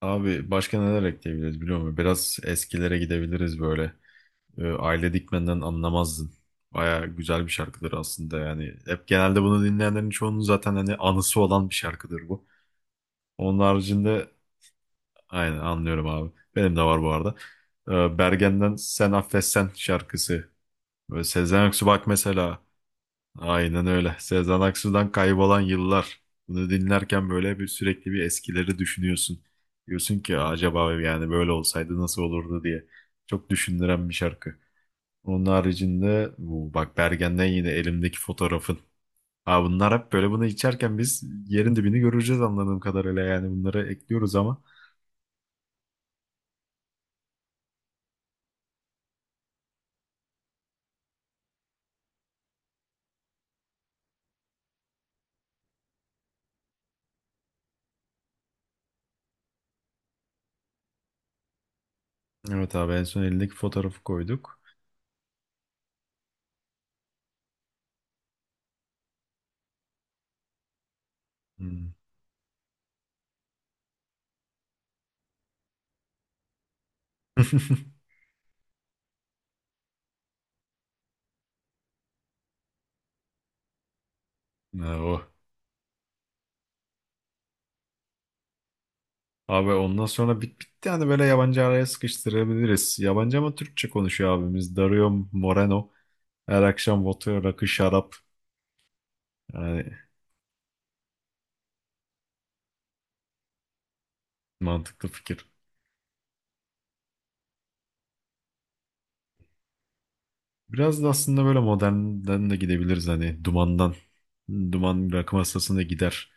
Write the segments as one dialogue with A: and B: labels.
A: Abi başka neler ekleyebiliriz biliyor musun? Biraz eskilere gidebiliriz böyle. Aile Dikmen'den anlamazdın. Baya güzel bir şarkıdır aslında yani. Hep genelde bunu dinleyenlerin çoğunun zaten hani anısı olan bir şarkıdır bu. Onun haricinde aynen anlıyorum abi. Benim de var bu arada. Bergen'den Sen Affetsen şarkısı. Böyle Sezen Aksu bak mesela. Aynen öyle. Sezen Aksu'dan kaybolan yıllar. Bunu dinlerken böyle bir sürekli bir eskileri düşünüyorsun. Diyorsun ki acaba yani böyle olsaydı nasıl olurdu diye. Çok düşündüren bir şarkı. Onun haricinde bu bak Bergen'den yine elimdeki fotoğrafın. Ha, bunlar hep böyle bunu içerken biz yerin dibini göreceğiz anladığım kadarıyla yani bunları ekliyoruz ama. Evet abi, en son elindeki fotoğrafı koyduk. Hmm. Ha, o. Abi ondan sonra bitti yani, böyle yabancı araya sıkıştırabiliriz. Yabancı ama Türkçe konuşuyor abimiz. Dario Moreno. Her akşam vodka, rakı, şarap. Yani mantıklı fikir. Biraz da aslında böyle modernden de gidebiliriz hani, dumandan. Duman rakı masasına gider.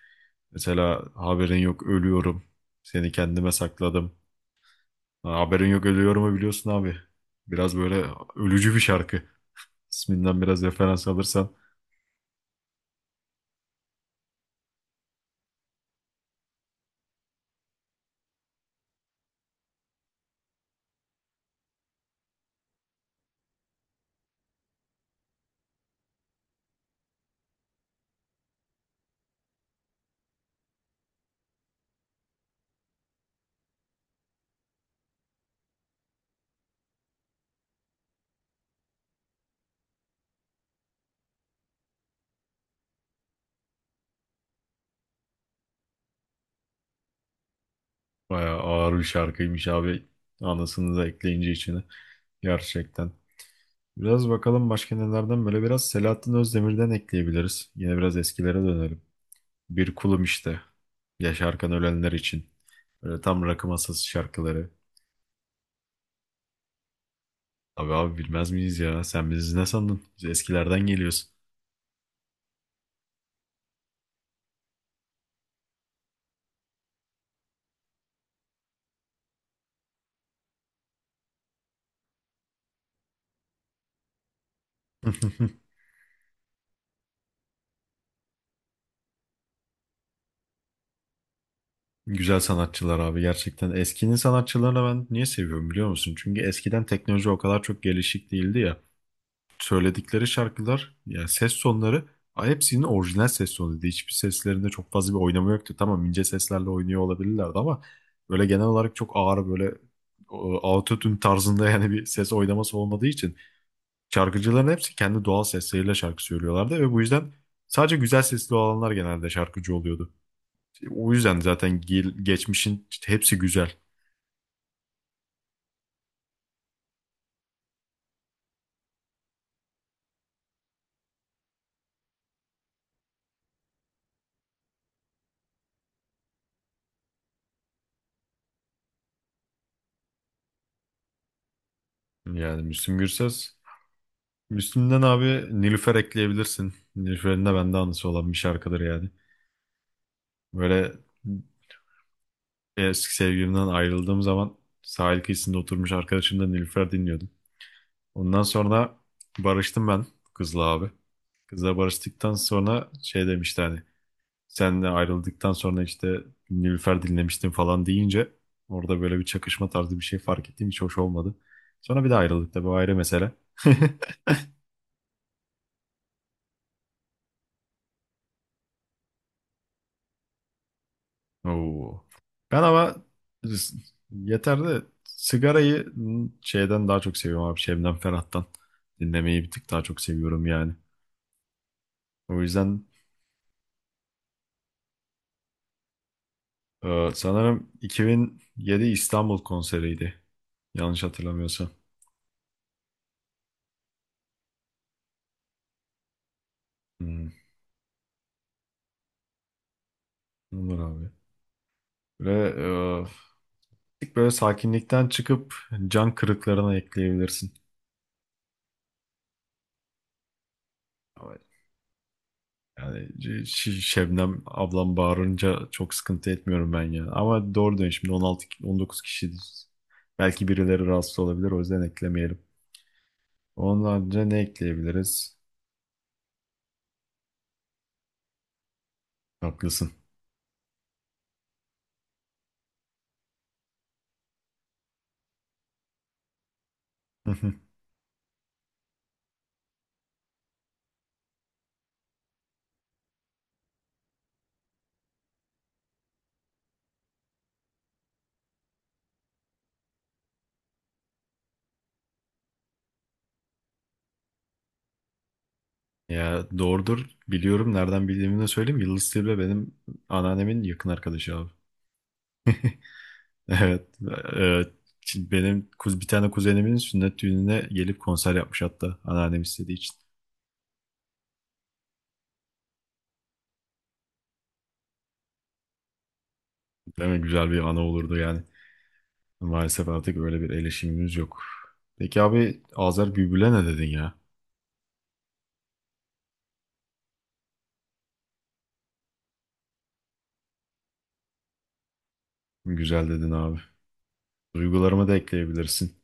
A: Mesela haberin yok ölüyorum. Seni kendime sakladım. Ha, Haberin yok ölüyorumu biliyorsun abi. Biraz böyle ölücü bir şarkı. İsminden biraz referans alırsan. Bayağı ağır bir şarkıymış abi. Anasını da ekleyince içine. Gerçekten. Biraz bakalım başka nelerden, böyle biraz Selahattin Özdemir'den ekleyebiliriz. Yine biraz eskilere dönelim. Bir kulum işte. Yaşarken ölenler için. Böyle tam rakı masası şarkıları. Abi abi bilmez miyiz ya? Sen bizi ne sandın? Biz eskilerden geliyoruz. Güzel sanatçılar abi, gerçekten. Eskinin sanatçılarını ben niye seviyorum biliyor musun? Çünkü eskiden teknoloji o kadar çok gelişik değildi ya. Söyledikleri şarkılar yani, ses sonları, hepsinin orijinal ses sonuydu. Hiçbir seslerinde çok fazla bir oynama yoktu. Tamam, ince seslerle oynuyor olabilirlerdi ama böyle genel olarak çok ağır böyle, e, autotune tarzında yani bir ses oynaması olmadığı için şarkıcıların hepsi kendi doğal sesleriyle şarkı söylüyorlardı ve bu yüzden sadece güzel sesli olanlar genelde şarkıcı oluyordu. O yüzden zaten geçmişin işte hepsi güzel. Yani Müslüm Gürses. Müslüm'den abi Nilüfer ekleyebilirsin. Nilüfer'in de bende anısı olan bir şarkıdır yani. Böyle eski sevgilimden ayrıldığım zaman sahil kıyısında oturmuş arkadaşımla Nilüfer dinliyordum. Ondan sonra barıştım ben kızla abi. Kızla barıştıktan sonra şey demişti hani, senle ayrıldıktan sonra işte Nilüfer dinlemiştim falan deyince orada böyle bir çakışma tarzı bir şey fark ettiğim hiç hoş olmadı. Sonra bir de ayrıldık tabii, o ayrı mesele. Oo. Ben ama yeter de sigarayı şeyden daha çok seviyorum abi. Şebnem Ferah'tan dinlemeyi bir tık daha çok seviyorum yani. O yüzden sanırım 2007 İstanbul konseriydi. Yanlış hatırlamıyorsam. Hmm, olur abi. Ve bir tık böyle sakinlikten çıkıp can kırıklarına ekleyebilirsin. Yani Şebnem ablam bağırınca çok sıkıntı etmiyorum ben ya. Ama doğru diyorsun, şimdi 16 19 kişiyiz. Belki birileri rahatsız olabilir, o yüzden eklemeyelim. Ondan önce ne ekleyebiliriz? Haklısın. Ya doğrudur, biliyorum. Nereden bildiğimi de söyleyeyim. Yıldız Tilbe benim anneannemin yakın arkadaşı abi. Evet. Evet. Şimdi benim bir tane kuzenimin sünnet düğününe gelip konser yapmış, hatta anneannem istediği için. Değil mi? Güzel bir ana olurdu yani. Maalesef artık öyle bir eleşimimiz yok. Peki abi, Azer Bülbül'e ne dedin ya? Güzel dedin abi. Duygularımı da ekleyebilirsin.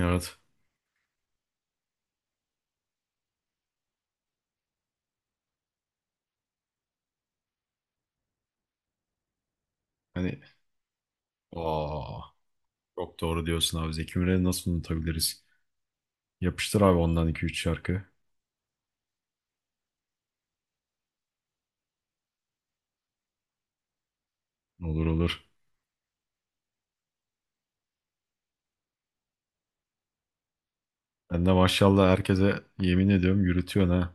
A: Evet. Hani aa, çok doğru diyorsun abi. Zeki Müren'i nasıl unutabiliriz? Yapıştır abi ondan iki üç şarkı. Olur olur. Ben de maşallah herkese yemin ediyorum, yürütüyorsun ha.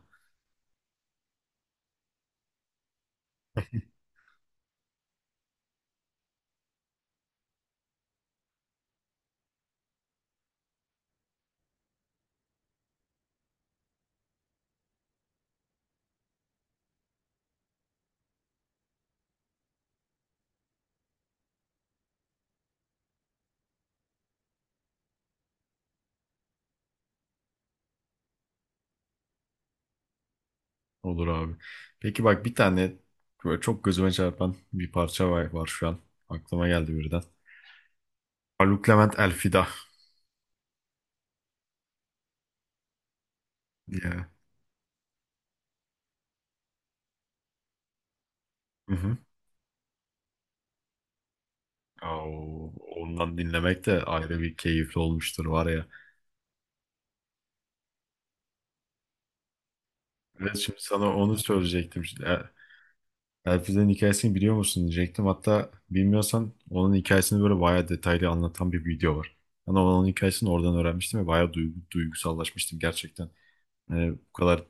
A: Olur abi. Peki bak, bir tane böyle çok gözüme çarpan bir parça var şu an. Aklıma geldi birden. Haluk Levent Elfida. Ya. Ya ondan dinlemek de ayrı bir keyifli olmuştur var ya. Evet, şimdi sana onu söyleyecektim. Şimdi Elfiz'in hikayesini biliyor musun diyecektim. Hatta bilmiyorsan, onun hikayesini böyle bayağı detaylı anlatan bir video var. Ben onun hikayesini oradan öğrenmiştim ve bayağı duygusallaşmıştım gerçekten. Yani bu kadar,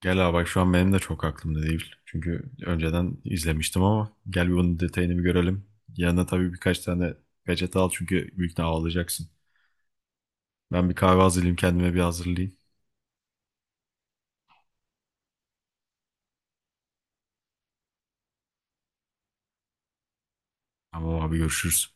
A: gel abi bak, şu an benim de çok aklımda değil. Çünkü önceden izlemiştim, ama gel bir bunun detayını bir görelim. Yanına tabii birkaç tane peçete al, çünkü büyük ihtimalle ağlayacaksın. Ben bir kahve hazırlayayım, kendime bir hazırlayayım. Tamam abi, görüşürüz.